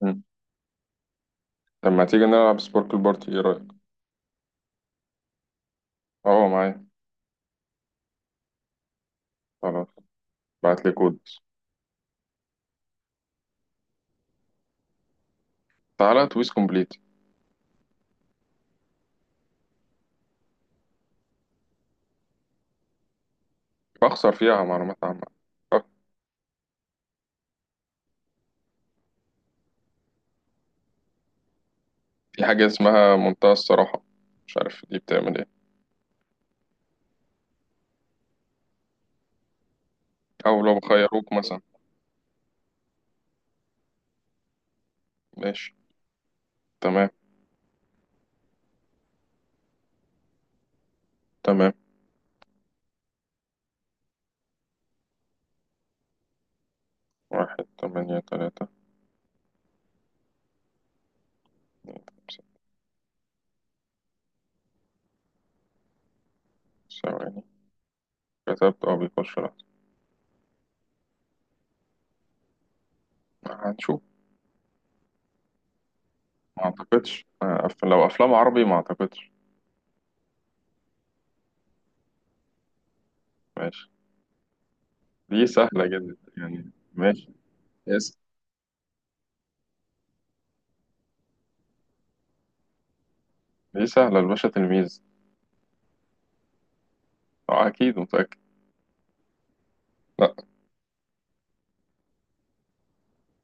مم. طب ما تيجي نلعب سبورك البارتي ايه رأيك؟ اه معايا. خلاص. بعت لي كود. تعالى تويس كومبليت. بخسر فيها معلومات عامة. أه، في حاجة اسمها منتهى الصراحة، مش عارف دي بتعمل ايه. أو لو خيروك مثلا. ماشي. تمام. تمام. واحد تمانية تلاتة. ثواني. كتبت، اه بيخش. لا هنشوف. ما اعتقدش، لو أفلام عربي ما اعتقدش. ماشي. دي سهلة جدا يعني. ماشي. يس. دي سهلة، الباشا تلميذ. أكيد متأكد. لا.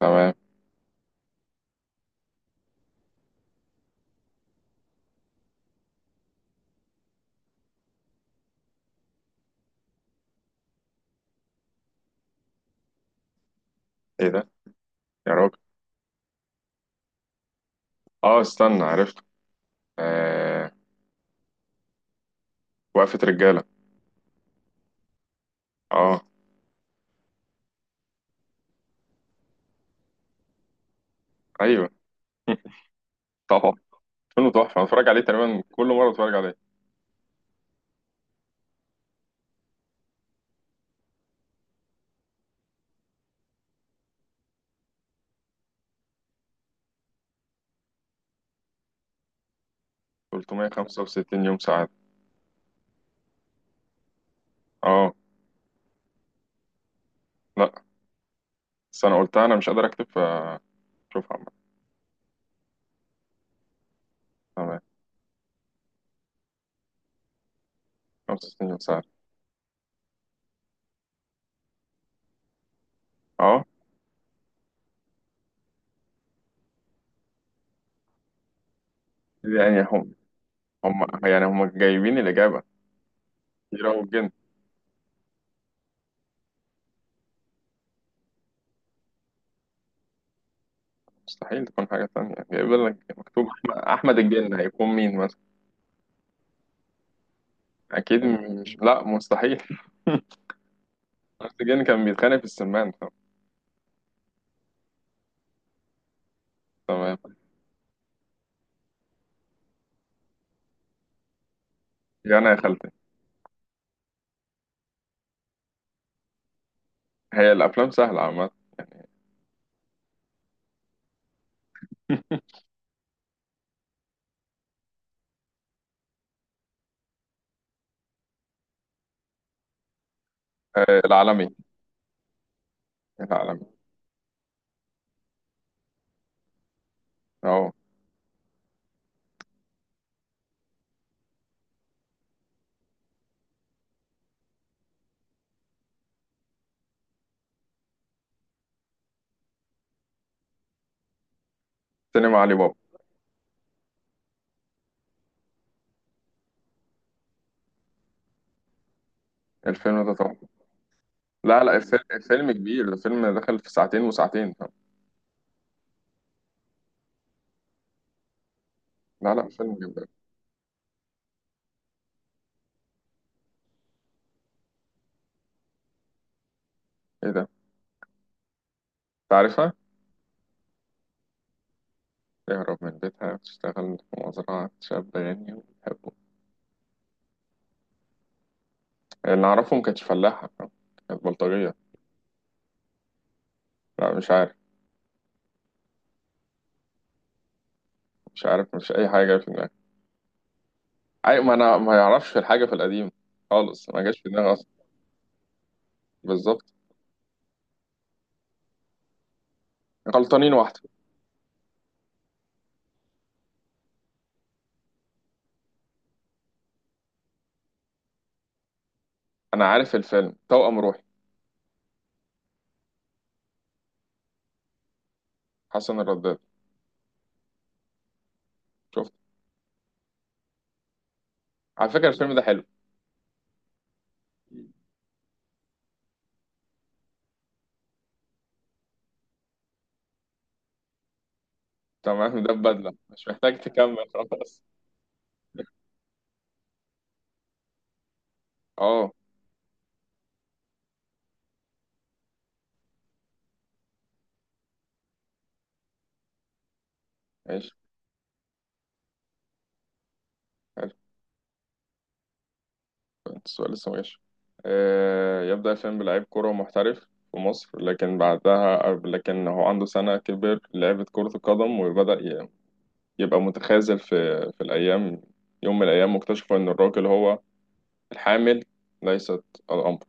تمام. ايه ده؟ يا راجل. اه استنى عرفت. آه، وقفة رجالة. اه. ايوه. طبعا. فيلم تحفة، انا بتفرج عليه تقريبا كل مرة بتفرج عليه. 365 يوم سعادة. اه. لا بس انا قلتها، انا مش قادر اكتب فشوفها عامة. تمام. 65 يوم سعادة. اه. يعني هم، هم يعني هم جايبين الإجابة. كيرة والجن. مستحيل تكون حاجة تانية، جايب لك مكتوب أحمد، الجن هيكون مين مثلا؟ أكيد مش، لا مستحيل. أحمد الجن كان بيتخانق في السمان. تمام. يعني يا خالتي. هي الافلام سهله عامه. آه، العالمي. العالمي. اهو. سينما علي بابا. الفيلم ده طبعا. لا لا الفيلم كبير، الفيلم دخل في ساعتين وساعتين. لا لا فيلم جدا. ايه ده؟ تعرفها؟ تهرب من بيتها، تشتغل في مزرعة شاب غني وبيحبه. اللي أعرفه ما كانتش فلاحة، كانت بلطجية. لا مش عارف. مش عارف، مش أي حاجة في دماغي. أي، ما أنا ما يعرفش الحاجة في القديم خالص، ما جاش في دماغي أصلا. بالظبط. غلطانين واحدة. أنا عارف الفيلم، توأم روحي. حسن الرداد. شفته. على فكرة الفيلم ده حلو. تمام، ده بدلة مش محتاج تكمل خلاص. اه. ماشي. حلو. السؤال لسه ماشي. آه، يبدأ الفيلم بلعيب كرة محترف في مصر، لكن بعدها لكن هو عنده سنة كبر لعبة كرة القدم، يبقى متخاذل في في الأيام. يوم من الأيام واكتشفوا إن الراجل هو الحامل، ليست الأمر.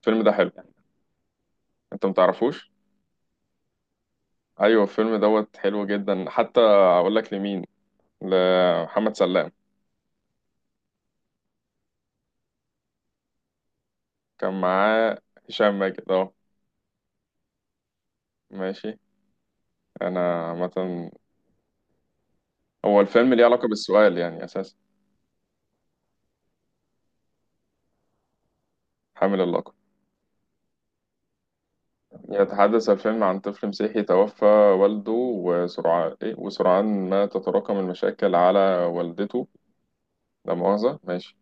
الفيلم ده حلو. أنت متعرفوش؟ أيوه الفيلم دوت حلو جدا، حتى أقول لك لمين. لمحمد سلام. كان معاه هشام ماجد، اه. ماشي. انا عامة. هو الفيلم ليه علاقة بالسؤال يعني اساسا؟ حامل اللقب. يتحدث الفيلم عن طفل مسيحي توفى والده، وسرعان إيه؟ وسرعان ما تتراكم المشاكل على والدته. لا مؤاخذة. ماشي.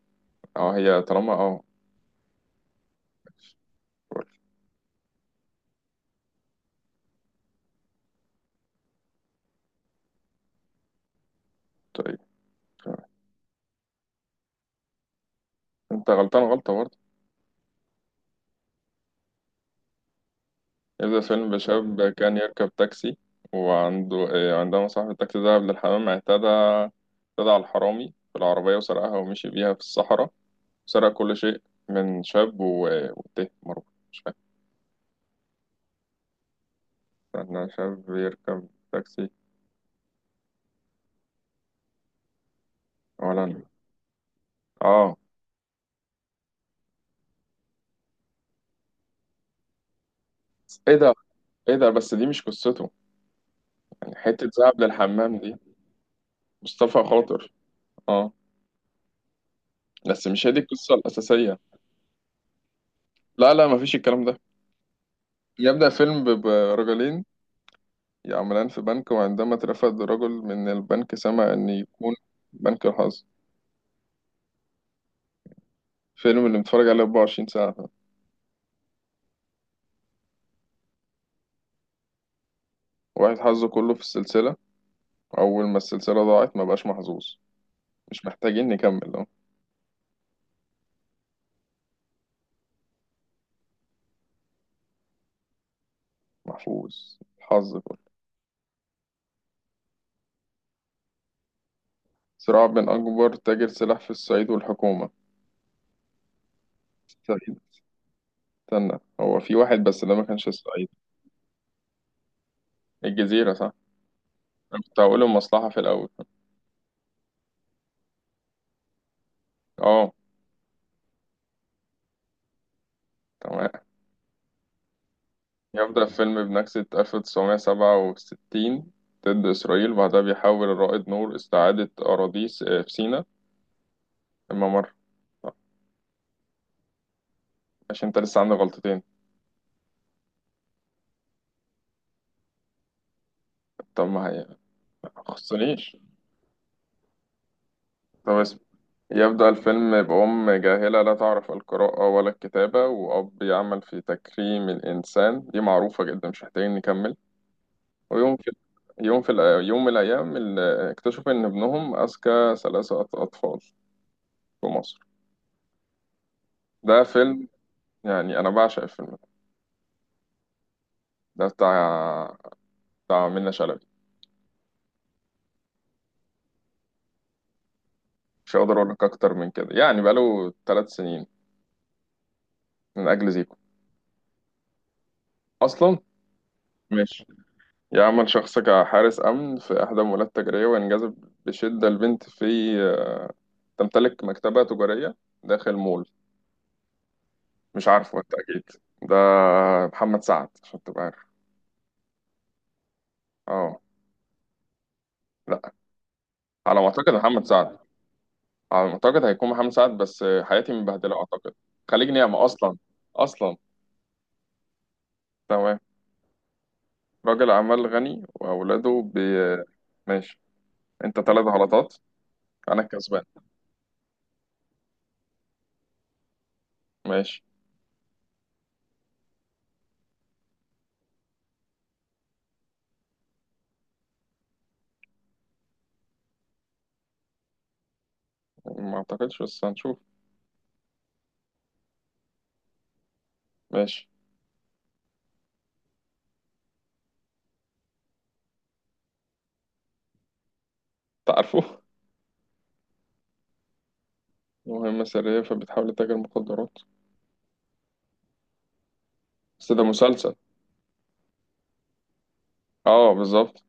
اه، هي طالما اه. قلت إيه؟ انت غلطان غلطة برضه. يبدأ الفيلم بشاب كان يركب تاكسي، وعنده إيه، عندما صاحب التاكسي ذهب للحمام، اعتدى على الحرامي في العربية وسرقها ومشي بيها في الصحراء. سرق كل شيء من شاب و... وتيه مروه. مش فاهم. انا شاب بيركب تاكسي. ولا. اه. ايه ده؟ ايه ده؟ بس دي مش قصته، يعني حتة ذهب للحمام دي. مصطفى خاطر. اه. بس مش هي دي القصة الأساسية. لا لا مفيش الكلام ده. برجلين يعملان في بنك، وعندما اترفد رجل من البنك سمع أن يكون بنك الحظ. فيلم اللي متفرج عليه 24 ساعة. واحد حظه كله في السلسلة، أول ما السلسلة ضاعت ما بقاش محظوظ. مش محتاجين نكمل، اه. محفوظ الحظ كله. صراع بين أكبر تاجر سلاح في الصعيد والحكومة. الصعيد. استنى، هو في واحد بس ده ما كانش الصعيد. الجزيرة صح؟ أنا كنت هقول المصلحة في الأول. اه. تمام. يبدأ الفيلم بنكسة 1967 ضد إسرائيل، بعدها بيحاول الرائد نور استعادة في سيناء. الممر. طب، عشان أنت لسه عندك غلطتين. طب ما هي. ما خصنيش. طب اسم. يبدأ الفيلم بأم جاهلة لا تعرف القراءة ولا الكتابة، وأب يعمل في تكريم الإنسان. دي معروفة جدا مش محتاجين نكمل. ويوم في، يوم من الأيام اكتشفوا إن ابنهم أذكى أطفال في مصر. ده فيلم، يعني أنا بعشق الفيلم ده. ده بتاع، بتاع منة شلبي. مش هقدر أقول لك أكتر من كده، يعني بقاله ثلاث سنين. من أجل زيكو أصلا. ماشي. يعمل شخص كحارس أمن في إحدى المولات التجارية، وينجذب بشدة لبنت في تمتلك مكتبة تجارية داخل مول. مش عارفه بالتأكيد. ده محمد سعد عشان تبقى عارف. اه. لا، على ما أعتقد محمد سعد. على ما أعتقد هيكون محمد سعد، بس حياتي مبهدلة أعتقد. خليج نعمة أصلا. أصلا. تمام. راجل أعمال غني وأولاده بي... ماشي. أنت ثلاث غلطات. أنا الكسبان. ماشي. ما أعتقدش بس هنشوف. ماشي. تعرفه. مهمة سرية فبتحاول تتاجر مخدرات. بس ده مسلسل. اه بالظبط.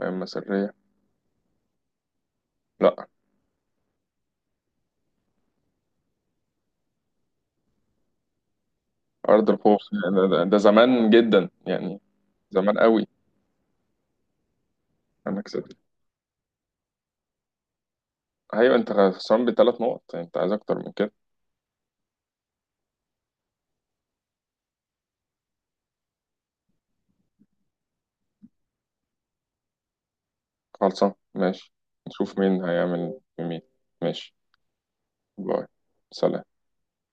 مهمة سرية. لا. أرض الخوف، ده زمان جدا يعني. زمان قوي. أنا كسبت. أيوة أنت خسران بثلاث نقط، يعني أنت عايز أكتر من كده. خلصان، ماشي. نشوف مين هيعمل بمين. ماشي. باي. سلام.